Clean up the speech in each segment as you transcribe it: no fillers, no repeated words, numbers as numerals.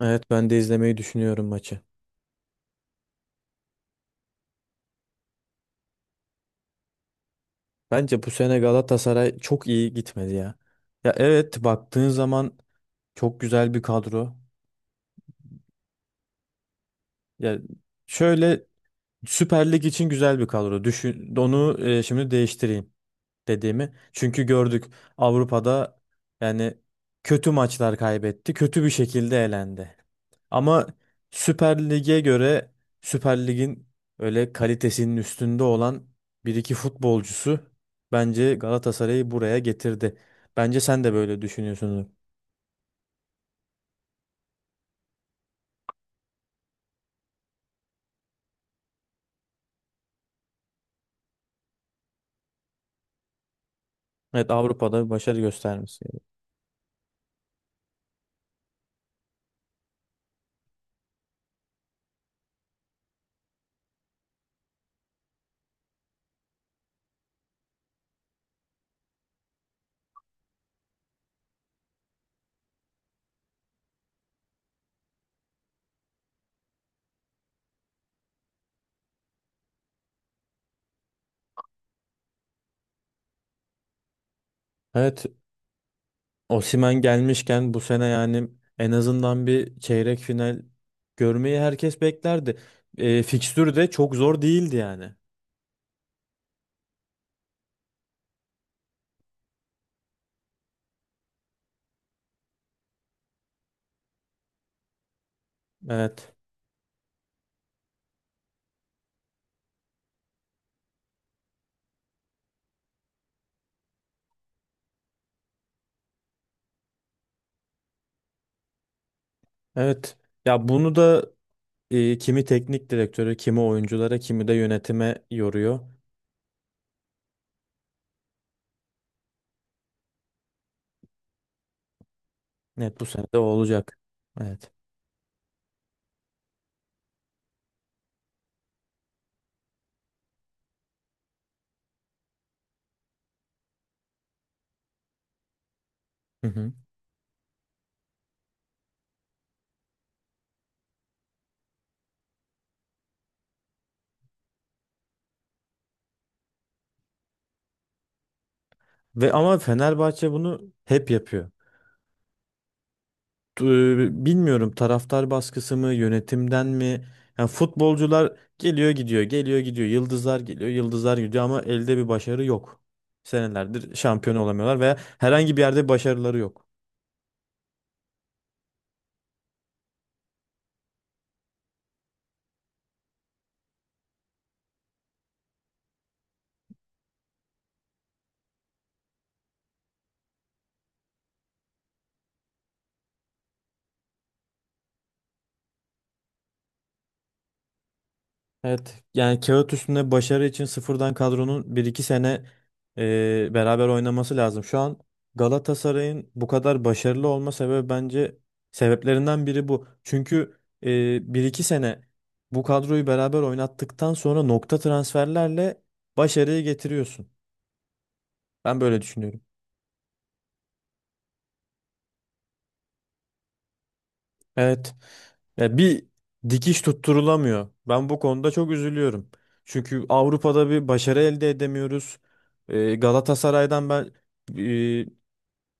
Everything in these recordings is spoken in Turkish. Evet ben de izlemeyi düşünüyorum maçı. Bence bu sene Galatasaray çok iyi gitmedi ya. Ya evet baktığın zaman çok güzel bir kadro. Ya şöyle Süper Lig için güzel bir kadro. Düşün onu şimdi değiştireyim dediğimi. Çünkü gördük Avrupa'da yani kötü maçlar kaybetti. Kötü bir şekilde elendi. Ama Süper Lig'e göre Süper Lig'in öyle kalitesinin üstünde olan bir iki futbolcusu bence Galatasaray'ı buraya getirdi. Bence sen de böyle düşünüyorsun. Evet Avrupa'da başarı göstermiş. Evet Osimhen gelmişken bu sene yani en azından bir çeyrek final görmeyi herkes beklerdi. E, fikstür de çok zor değildi yani. Evet. Evet. Ya bunu da kimi teknik direktörü, kimi oyunculara, kimi de yönetime yoruyor. Net bu sene de o olacak. Evet. Hı hı. Ve ama Fenerbahçe bunu hep yapıyor. Bilmiyorum taraftar baskısı mı, yönetimden mi? Yani futbolcular geliyor gidiyor, geliyor gidiyor. Yıldızlar geliyor, yıldızlar gidiyor ama elde bir başarı yok. Senelerdir şampiyon olamıyorlar veya herhangi bir yerde başarıları yok. Evet yani kağıt üstünde başarı için sıfırdan kadronun bir iki sene beraber oynaması lazım. Şu an Galatasaray'ın bu kadar başarılı olma sebebi bence sebeplerinden biri bu. Çünkü 1-2 sene bu kadroyu beraber oynattıktan sonra nokta transferlerle başarıyı getiriyorsun. Ben böyle düşünüyorum. Evet. Ya bir dikiş tutturulamıyor. Ben bu konuda çok üzülüyorum. Çünkü Avrupa'da bir başarı elde edemiyoruz. Galatasaray'dan ben e,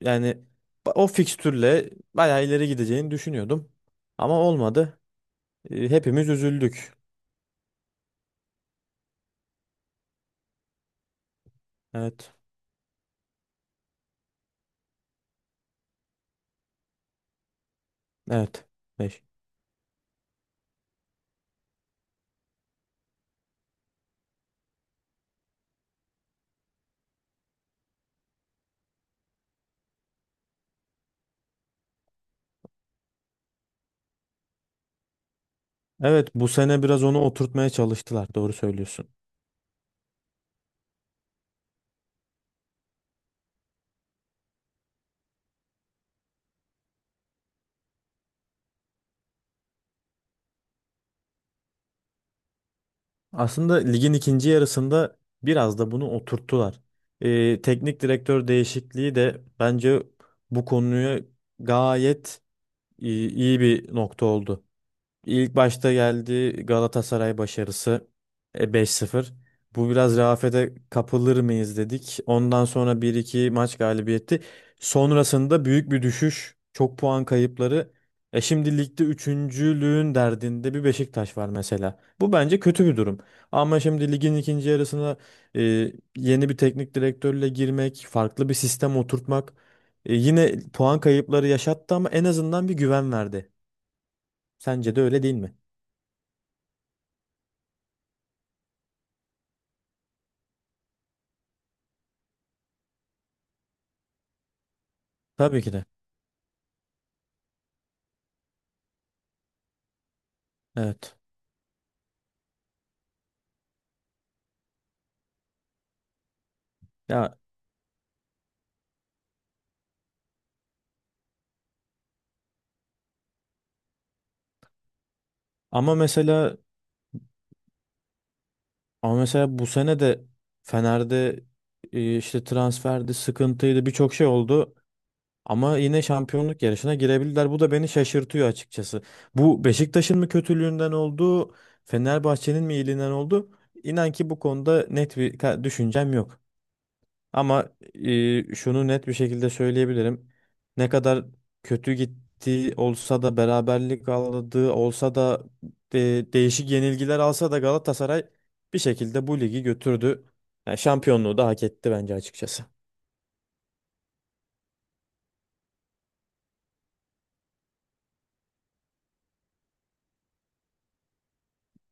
yani o fikstürle bayağı ileri gideceğini düşünüyordum. Ama olmadı. Hepimiz üzüldük. Evet. Evet. Beş. Evet bu sene biraz onu oturtmaya çalıştılar. Doğru söylüyorsun. Aslında ligin ikinci yarısında biraz da bunu oturttular. Teknik direktör değişikliği de bence bu konuya gayet iyi bir nokta oldu. İlk başta geldi Galatasaray başarısı 5-0. Bu biraz rehavete kapılır mıyız dedik. Ondan sonra bir iki maç galibiyeti. Sonrasında büyük bir düşüş, çok puan kayıpları. E şimdi ligde üçüncülüğün derdinde bir Beşiktaş var mesela. Bu bence kötü bir durum. Ama şimdi ligin ikinci yarısına e, yeni bir teknik direktörle girmek, farklı bir sistem oturtmak yine puan kayıpları yaşattı ama en azından bir güven verdi. Sence de öyle değil mi? Tabii ki de. Evet. Ya ama mesela ama mesela bu sene de Fener'de işte transferdi, sıkıntıydı, birçok şey oldu. Ama yine şampiyonluk yarışına girebildiler. Bu da beni şaşırtıyor açıkçası. Bu Beşiktaş'ın mı kötülüğünden oldu, Fenerbahçe'nin mi iyiliğinden oldu? İnan ki bu konuda net bir düşüncem yok. Ama şunu net bir şekilde söyleyebilirim. Ne kadar kötü gittiği olsa da beraberlik aldığı olsa da değişik yenilgiler alsa da Galatasaray bir şekilde bu ligi götürdü. Yani şampiyonluğu da hak etti bence açıkçası.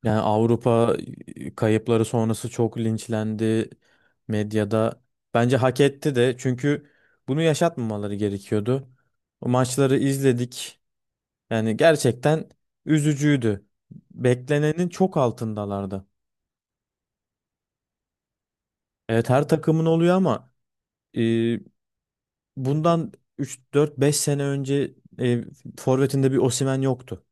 Yani Avrupa kayıpları sonrası çok linçlendi medyada. Bence hak etti de çünkü bunu yaşatmamaları gerekiyordu. O maçları izledik. Yani gerçekten üzücüydü. Beklenenin çok altındalardı. Evet her takımın oluyor ama e, bundan üç dört beş sene önce e, forvetinde bir Osimhen yoktu.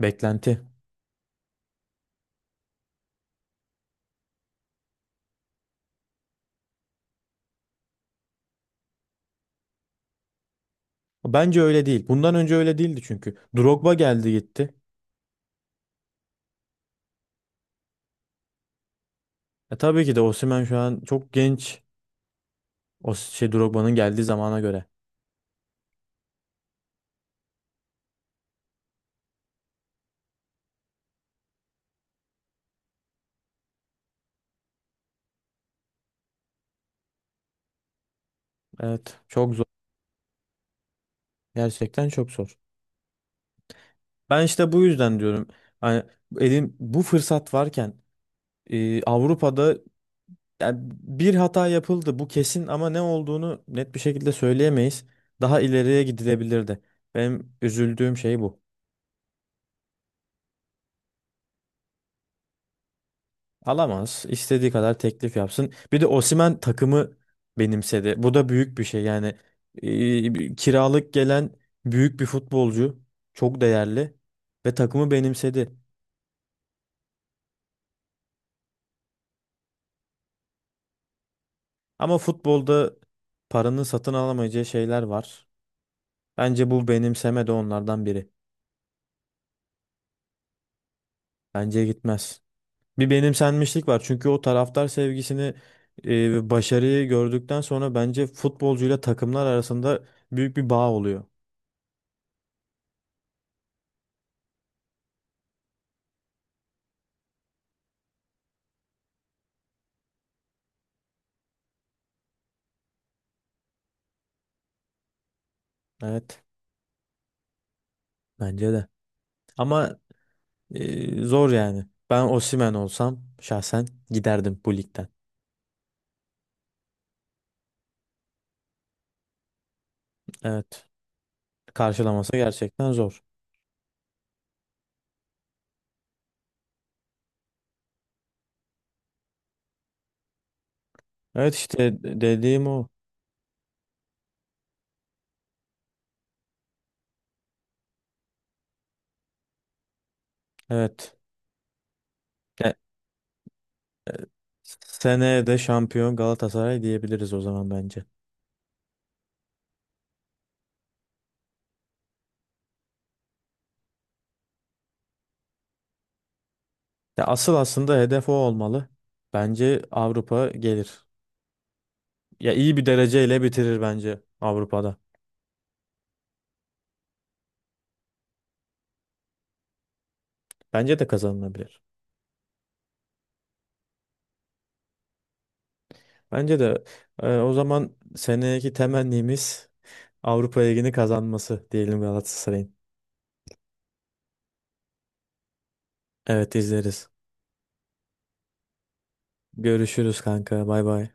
Beklenti. Bence öyle değil. Bundan önce öyle değildi çünkü. Drogba geldi gitti. E, tabii ki de Osimhen şu an çok genç. O şey Drogba'nın geldiği zamana göre. Evet çok zor. Gerçekten çok zor. Ben işte bu yüzden diyorum. Hani elin bu fırsat varken Avrupa'da yani bir hata yapıldı bu kesin ama ne olduğunu net bir şekilde söyleyemeyiz. Daha ileriye gidilebilirdi. Benim üzüldüğüm şey bu. Alamaz. İstediği kadar teklif yapsın. Bir de Osimhen takımı benimsedi. Bu da büyük bir şey. Yani kiralık gelen büyük bir futbolcu, çok değerli ve takımı benimsedi. Ama futbolda paranın satın alamayacağı şeyler var. Bence bu benimseme de onlardan biri. Bence gitmez. Bir benimsenmişlik var. Çünkü o taraftar sevgisini, ve başarıyı gördükten sonra bence futbolcuyla takımlar arasında büyük bir bağ oluyor. Evet, bence de. Ama zor yani. Ben Osimhen olsam şahsen giderdim bu ligden. Evet. Karşılaması gerçekten zor. Evet işte dediğim o. Evet. E, seneye de şampiyon Galatasaray diyebiliriz o zaman bence. Ya asıl aslında hedef o olmalı. Bence Avrupa gelir. Ya iyi bir dereceyle bitirir bence Avrupa'da. Bence de kazanılabilir. Bence de o zaman seneki temennimiz Avrupa Ligi'ni kazanması diyelim Galatasaray'ın. Evet izleriz. Görüşürüz kanka. Bay bay.